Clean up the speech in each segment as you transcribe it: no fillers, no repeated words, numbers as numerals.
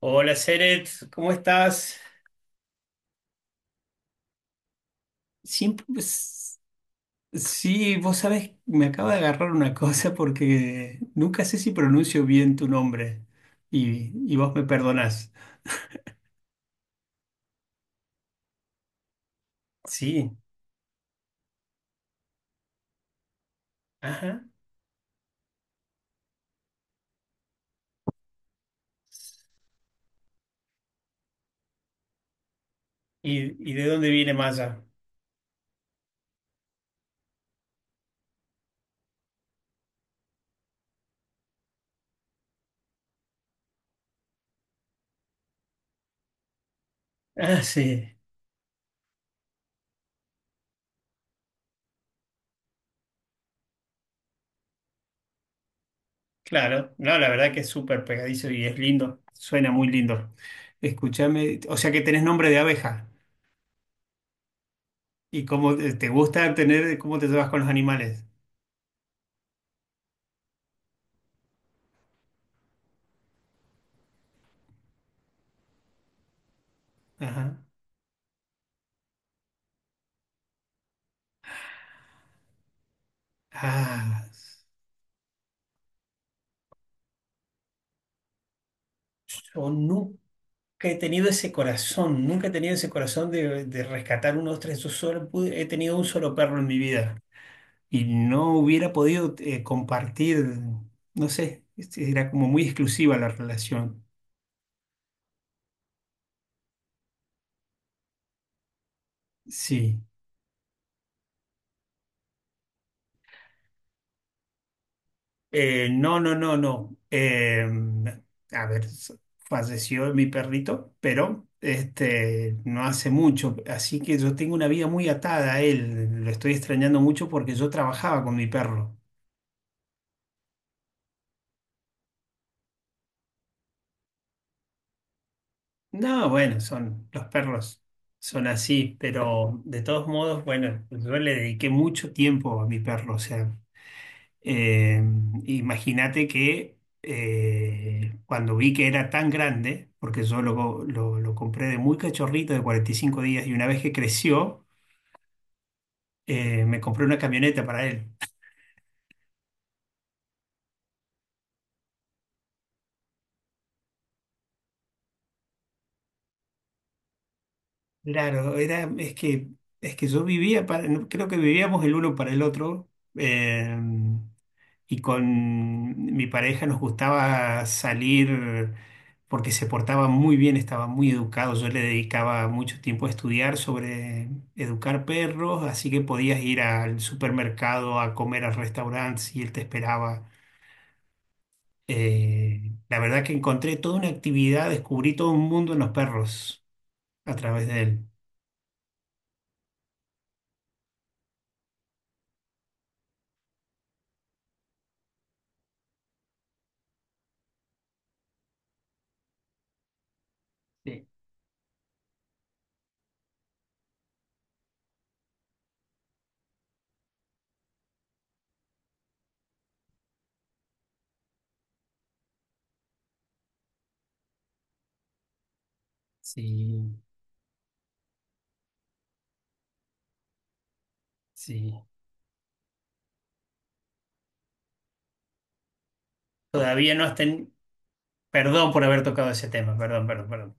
Hola, Seret, ¿cómo estás? Siempre, pues, sí, vos sabés, me acaba de agarrar una cosa porque nunca sé si pronuncio bien tu nombre y vos me perdonás. Sí, ajá. ¿Y, ¿y de dónde viene Maya? Ah, sí, claro. No, la verdad que es súper pegadizo y es lindo, suena muy lindo. Escúchame, o sea que tenés nombre de abeja y cómo te gusta tener, cómo te llevas con los animales. Ajá. Ah, yo nu- que he tenido ese corazón, nunca he tenido ese corazón de rescatar unos tres, yo he tenido un solo perro en mi vida y no hubiera podido compartir, no sé, era como muy exclusiva la relación, sí. No, no, no, no. A ver, s- falleció mi perrito, pero no hace mucho, así que yo tengo una vida muy atada a él, lo estoy extrañando mucho porque yo trabajaba con mi perro. No, bueno, son los perros, son así, pero de todos modos, bueno, yo le dediqué mucho tiempo a mi perro, o sea, eh, imagínate que cuando vi que era tan grande, porque yo lo compré de muy cachorrito, de 45 días, y una vez que creció, me compré una camioneta para él. Claro, es que yo vivía, creo que vivíamos el uno para el otro. Eh, y con mi pareja nos gustaba salir porque se portaba muy bien, estaba muy educado. Yo le dedicaba mucho tiempo a estudiar sobre educar perros, así que podías ir al supermercado a comer al restaurante y él te esperaba. La verdad que encontré toda una actividad, descubrí todo un mundo en los perros a través de él. Sí, sí, sí. Todavía no has ten Perdón por haber tocado ese tema, perdón, perdón, perdón.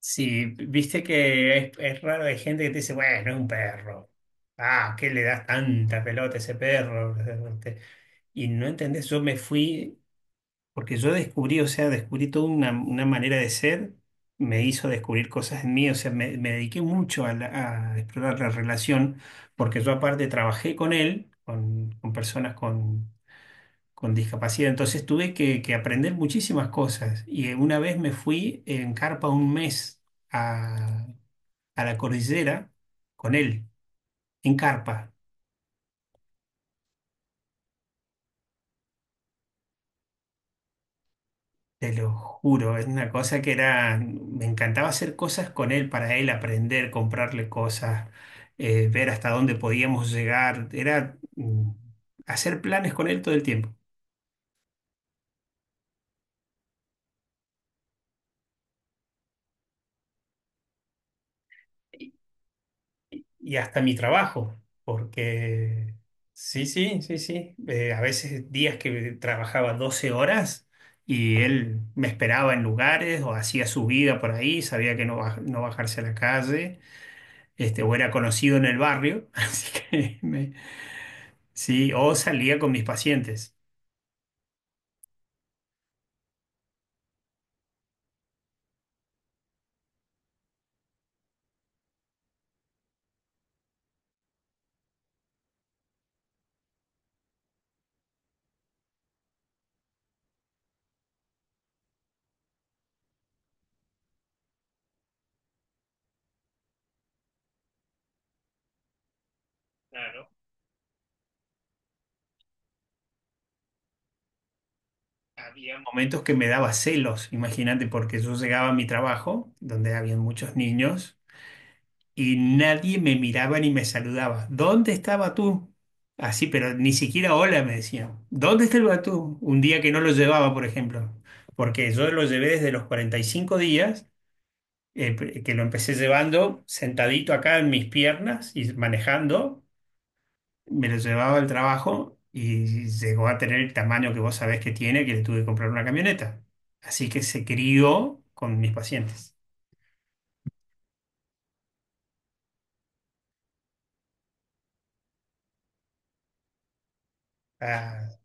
Sí, viste que es raro, hay gente que te dice, bueno, es un perro. Ah, ¿qué le das tanta pelota a ese perro? Este, Y no entendés, porque yo descubrí, o sea, descubrí toda una manera de ser, me hizo descubrir cosas en mí, o sea, me dediqué mucho a, a explorar la relación, porque yo aparte trabajé con él, con personas con discapacidad, entonces tuve que aprender muchísimas cosas. Y una vez me fui en carpa un mes a la cordillera con él, en carpa, te lo juro, es una cosa que era, me encantaba hacer cosas con él, para él aprender, comprarle cosas, ver hasta dónde podíamos llegar, era hacer planes con él todo el tiempo y hasta mi trabajo, porque sí, sí, sí, sí, a veces días que trabajaba 12 horas. Y él me esperaba en lugares o hacía su vida por ahí, sabía que no, no bajarse a la calle, o era conocido en el barrio, sí, o salía con mis pacientes. Claro, había momentos que me daba celos, imagínate, porque yo llegaba a mi trabajo, donde habían muchos niños, y nadie me miraba ni me saludaba. ¿Dónde estaba tú? Así, pero ni siquiera hola me decían. ¿Dónde estaba tú? Un día que no lo llevaba, por ejemplo, porque yo lo llevé desde los 45 días, eh, que lo empecé llevando sentadito acá en mis piernas y manejando. Me lo llevaba al trabajo y llegó a tener el tamaño que vos sabés que tiene, que le tuve que comprar una camioneta. Así que se crió con mis pacientes. Ah,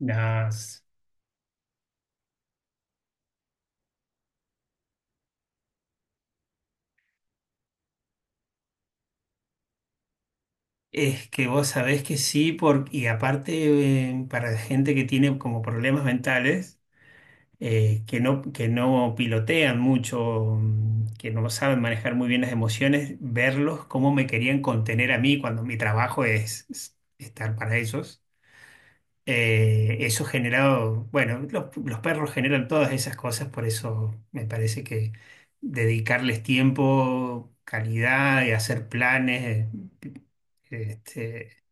no, es que vos sabés que sí, por, y aparte para gente que tiene como problemas mentales, que no pilotean mucho, que no saben manejar muy bien las emociones, verlos cómo me querían contener a mí cuando mi trabajo es estar para ellos. Eso generado, bueno, los perros generan todas esas cosas, por eso me parece que dedicarles tiempo, calidad y hacer planes, eh, este,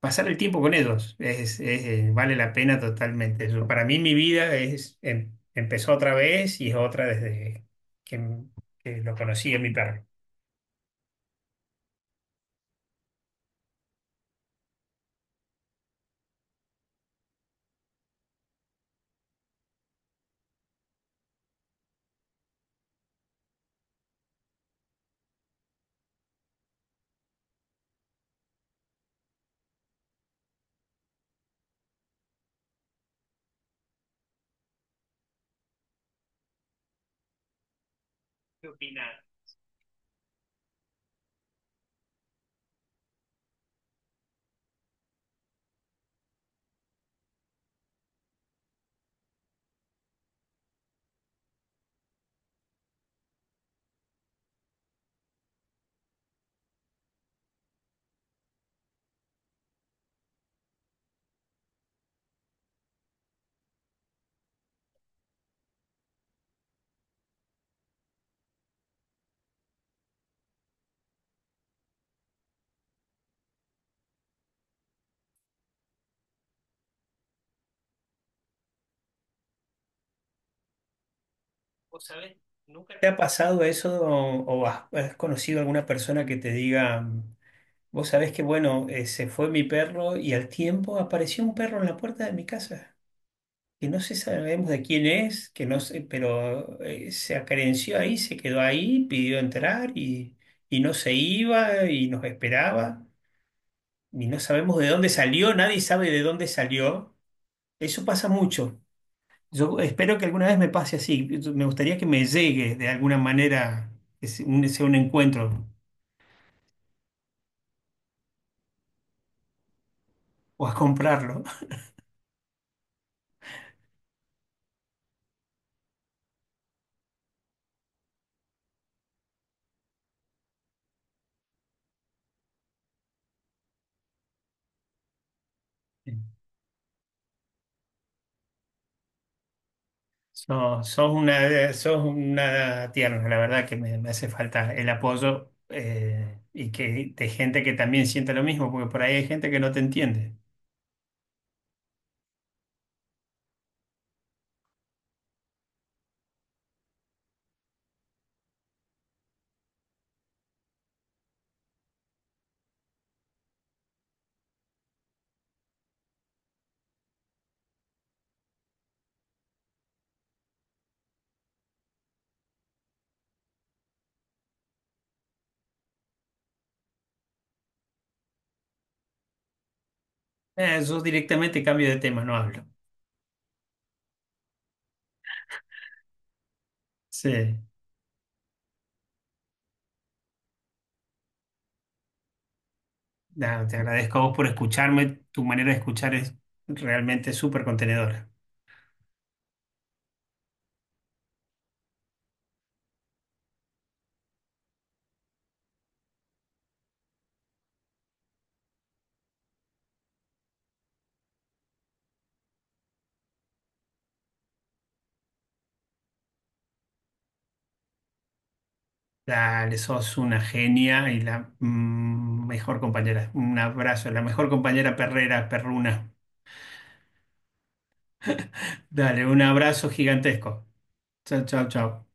pasar el tiempo con ellos, es, vale la pena totalmente. Para mí mi vida empezó otra vez y es otra desde que, que lo conocí a mi perro. ¿Qué opinas? ¿Vos sabés? ¿Nunca te ha pasado eso o has, has conocido alguna persona que te diga... Vos sabés que, bueno, se fue mi perro y al tiempo apareció un perro en la puerta de mi casa, que no sé, sabemos de quién es, que no sé, pero se acerenció ahí, se quedó ahí, pidió entrar y no se iba y nos esperaba y no sabemos de dónde salió, nadie sabe de dónde salió. Eso pasa mucho. Yo espero que alguna vez me pase así. Me gustaría que me llegue de alguna manera, que sea un encuentro o a comprarlo. Sos una tierna, la verdad que me hace falta el apoyo y que de gente que también sienta lo mismo, porque por ahí hay gente que no te entiende. Yo directamente cambio de tema, no hablo. Sí. Nada, te agradezco a vos por escucharme, tu manera de escuchar es realmente súper contenedora. Dale, sos una genia y la mejor compañera. Un abrazo, la mejor compañera perrera, perruna. Dale, un abrazo gigantesco. Chao, chao, chao.